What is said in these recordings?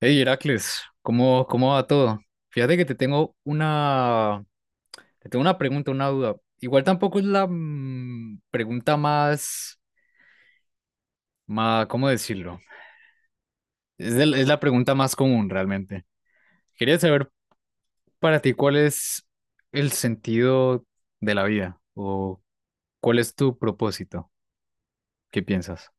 Hey Heracles, ¿cómo va todo? Fíjate que te tengo una pregunta, una duda. Igual tampoco es la pregunta más, más, ¿cómo decirlo? Es la pregunta más común realmente. Quería saber para ti cuál es el sentido de la vida o cuál es tu propósito. ¿Qué piensas?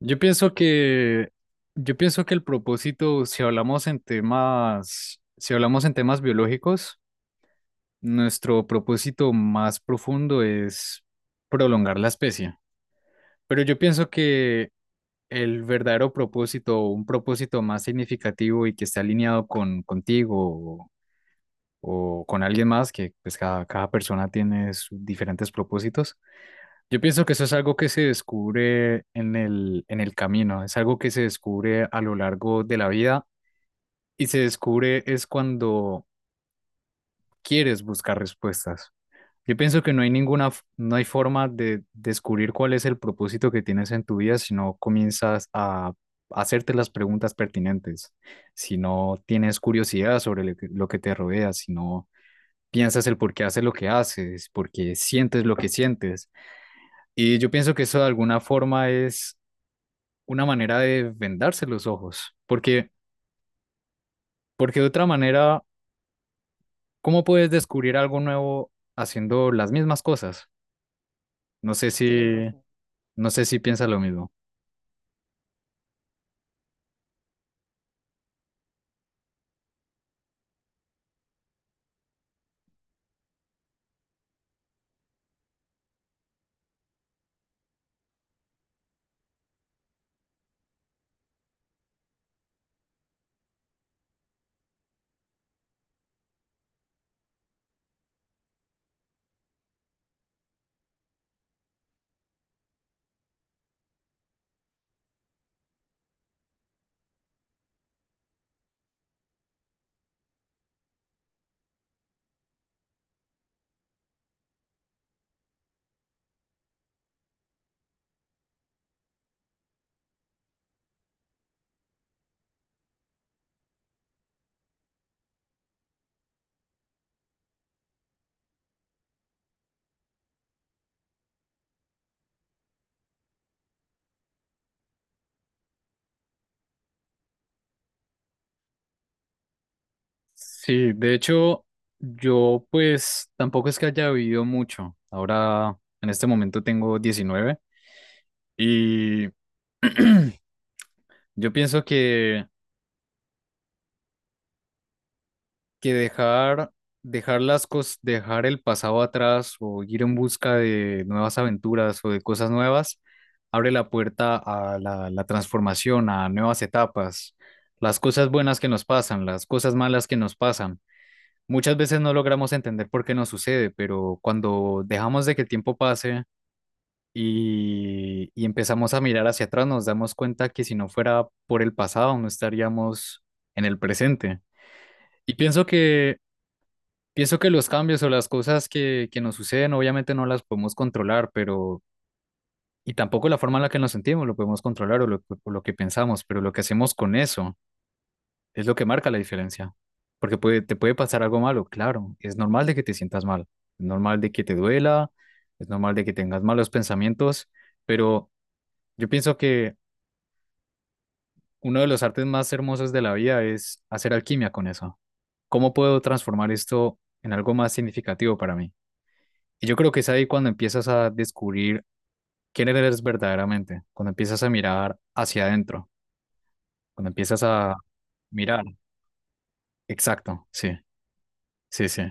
Yo pienso que, yo pienso que el propósito, si hablamos en temas biológicos, nuestro propósito más profundo es prolongar la especie, pero yo pienso que el verdadero propósito, un propósito más significativo y que esté alineado contigo o con alguien más, que pues cada persona tiene sus diferentes propósitos. Yo pienso que eso es algo que se descubre en el camino, es algo que se descubre a lo largo de la vida y se descubre es cuando quieres buscar respuestas. Yo pienso que no hay forma de descubrir cuál es el propósito que tienes en tu vida si no comienzas a hacerte las preguntas pertinentes, si no tienes curiosidad sobre lo que te rodea, si no piensas el por qué haces lo que haces, por qué sientes lo que sientes. Y yo pienso que eso de alguna forma es una manera de vendarse los ojos, porque de otra manera, ¿cómo puedes descubrir algo nuevo haciendo las mismas cosas? No sé si, no sé si piensas lo mismo. Sí, de hecho, yo pues tampoco es que haya vivido mucho. Ahora, en este momento tengo 19 y yo pienso que, que dejar las cosas, dejar el pasado atrás o ir en busca de nuevas aventuras o de cosas nuevas, abre la puerta a la transformación, a nuevas etapas. Las cosas buenas que nos pasan, las cosas malas que nos pasan, muchas veces no logramos entender por qué nos sucede, pero cuando dejamos de que el tiempo pase y empezamos a mirar hacia atrás, nos damos cuenta que si no fuera por el pasado, no estaríamos en el presente. Y pienso que, pienso que los cambios o las cosas que nos suceden, obviamente no las podemos controlar, pero, y tampoco la forma en la que nos sentimos lo podemos controlar o lo que pensamos, pero lo que hacemos con eso es lo que marca la diferencia. Porque puede, te puede pasar algo malo, claro. Es normal de que te sientas mal. Es normal de que te duela. Es normal de que tengas malos pensamientos. Pero yo pienso que uno de los artes más hermosos de la vida es hacer alquimia con eso. ¿Cómo puedo transformar esto en algo más significativo para mí? Y yo creo que es ahí cuando empiezas a descubrir quién eres verdaderamente. Cuando empiezas a mirar hacia adentro. Cuando empiezas a mirar. Exacto. Sí, sí, sí.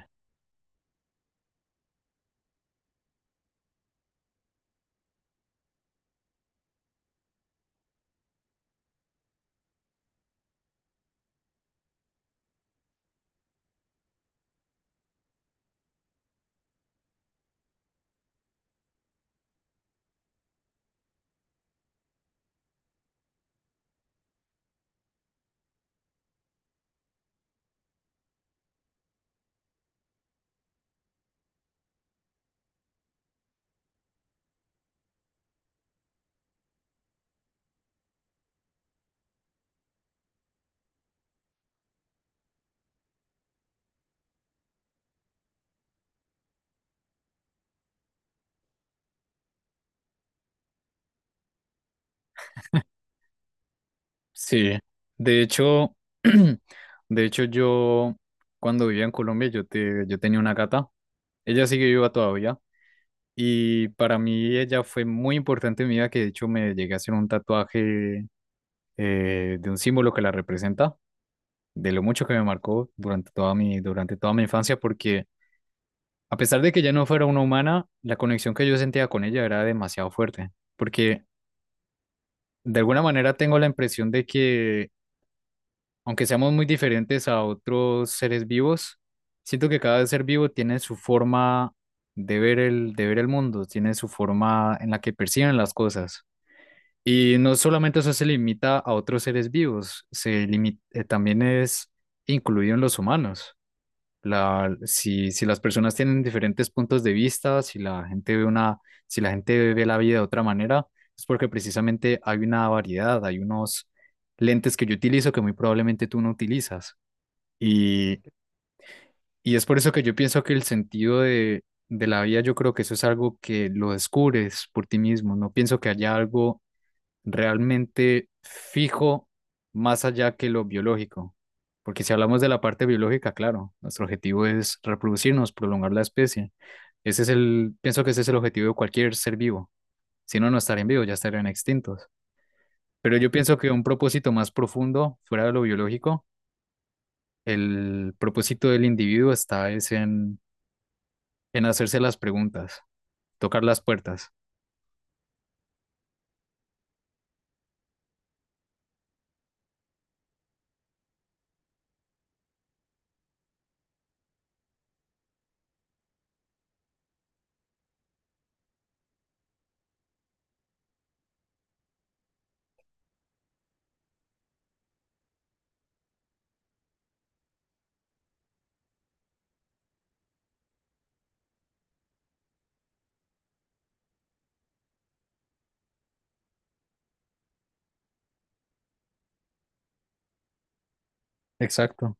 Sí, de hecho, de hecho yo cuando vivía en Colombia yo tenía una gata, ella sigue viva todavía y para mí ella fue muy importante en mi vida, que de hecho me llegué a hacer un tatuaje, de un símbolo que la representa, de lo mucho que me marcó durante toda mi infancia, porque a pesar de que ella no fuera una humana, la conexión que yo sentía con ella era demasiado fuerte, porque de alguna manera tengo la impresión de que aunque seamos muy diferentes a otros seres vivos, siento que cada ser vivo tiene su forma de ver el mundo, tiene su forma en la que perciben las cosas. Y no solamente eso se limita a otros seres vivos, también es incluido en los humanos. La, si, si las personas tienen diferentes puntos de vista, si la gente ve una, si la gente ve la vida de otra manera, es porque precisamente hay una variedad, hay unos lentes que yo utilizo que muy probablemente tú no utilizas. Y, y es por eso que yo pienso que el sentido de la vida, yo creo que eso es algo que lo descubres por ti mismo. No pienso que haya algo realmente fijo más allá que lo biológico. Porque si hablamos de la parte biológica, claro, nuestro objetivo es reproducirnos, prolongar la especie. Ese es el, pienso que ese es el objetivo de cualquier ser vivo. Si no, no estarían vivos, ya estarían extintos. Pero yo pienso que un propósito más profundo, fuera de lo biológico, el propósito del individuo está es en hacerse las preguntas, tocar las puertas. Exacto.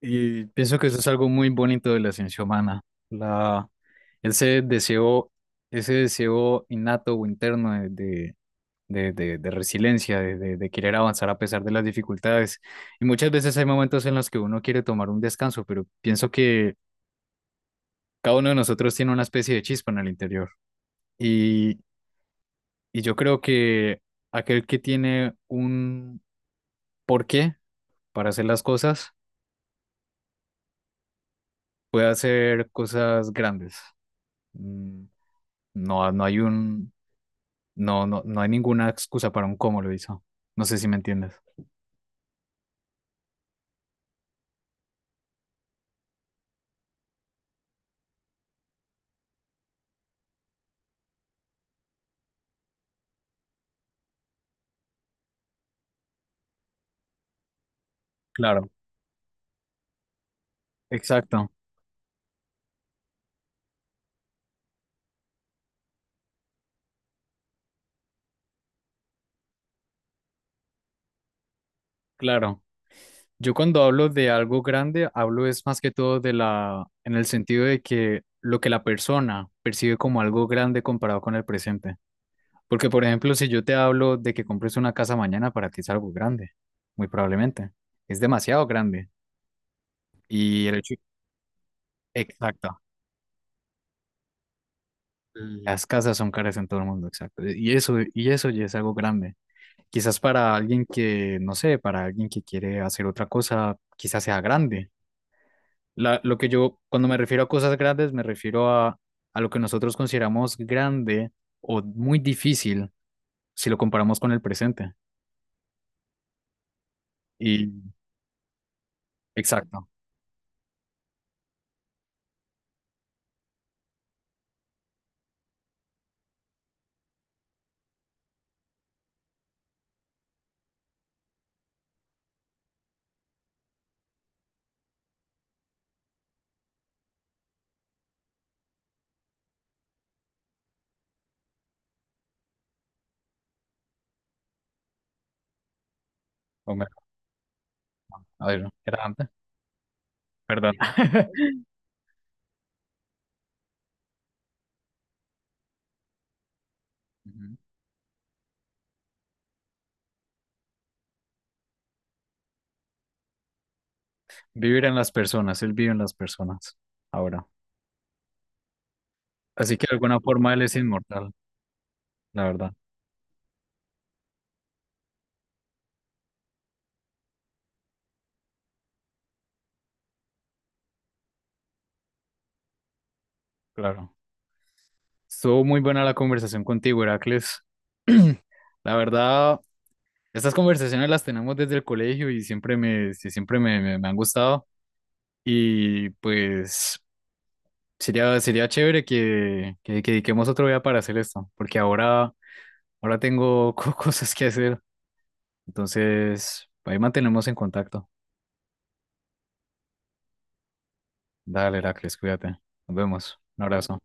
Y pienso que eso es algo muy bonito de la ciencia humana, la, ese deseo, ese deseo innato o interno de resiliencia, de querer avanzar a pesar de las dificultades. Y muchas veces hay momentos en los que uno quiere tomar un descanso, pero pienso que cada uno de nosotros tiene una especie de chispa en el interior. Y, y yo creo que aquel que tiene un porqué para hacer las cosas puede hacer cosas grandes. Mm, No no hay un, no, no, no hay ninguna excusa para un cómo lo hizo. No sé si me entiendes. Claro, exacto, claro. Yo cuando hablo de algo grande, hablo es más que todo de en el sentido de que lo que la persona percibe como algo grande comparado con el presente. Porque, por ejemplo, si yo te hablo de que compres una casa mañana, para ti es algo grande, muy probablemente. Es demasiado grande. Y el hecho, exacto. Las casas son caras en todo el mundo, exacto. Y eso ya es algo grande. Quizás para alguien que, no sé, para alguien que quiere hacer otra cosa, quizás sea grande. Lo que yo, cuando me refiero a cosas grandes, me refiero a lo que nosotros consideramos grande o muy difícil si lo comparamos con el presente. Y exacto. Homero, a ver, era antes, perdón. Ujú. Vivir en las personas, él vive en las personas ahora. Así que de alguna forma él es inmortal, la verdad, claro. Estuvo muy buena la conversación contigo, Heracles. La verdad, estas conversaciones las tenemos desde el colegio y siempre me, sí, me han gustado. Y pues sería chévere que dediquemos otro día para hacer esto, porque ahora, ahora tengo cosas que hacer. Entonces, ahí mantenemos en contacto. Dale, Heracles, cuídate. Nos vemos. Un abrazo.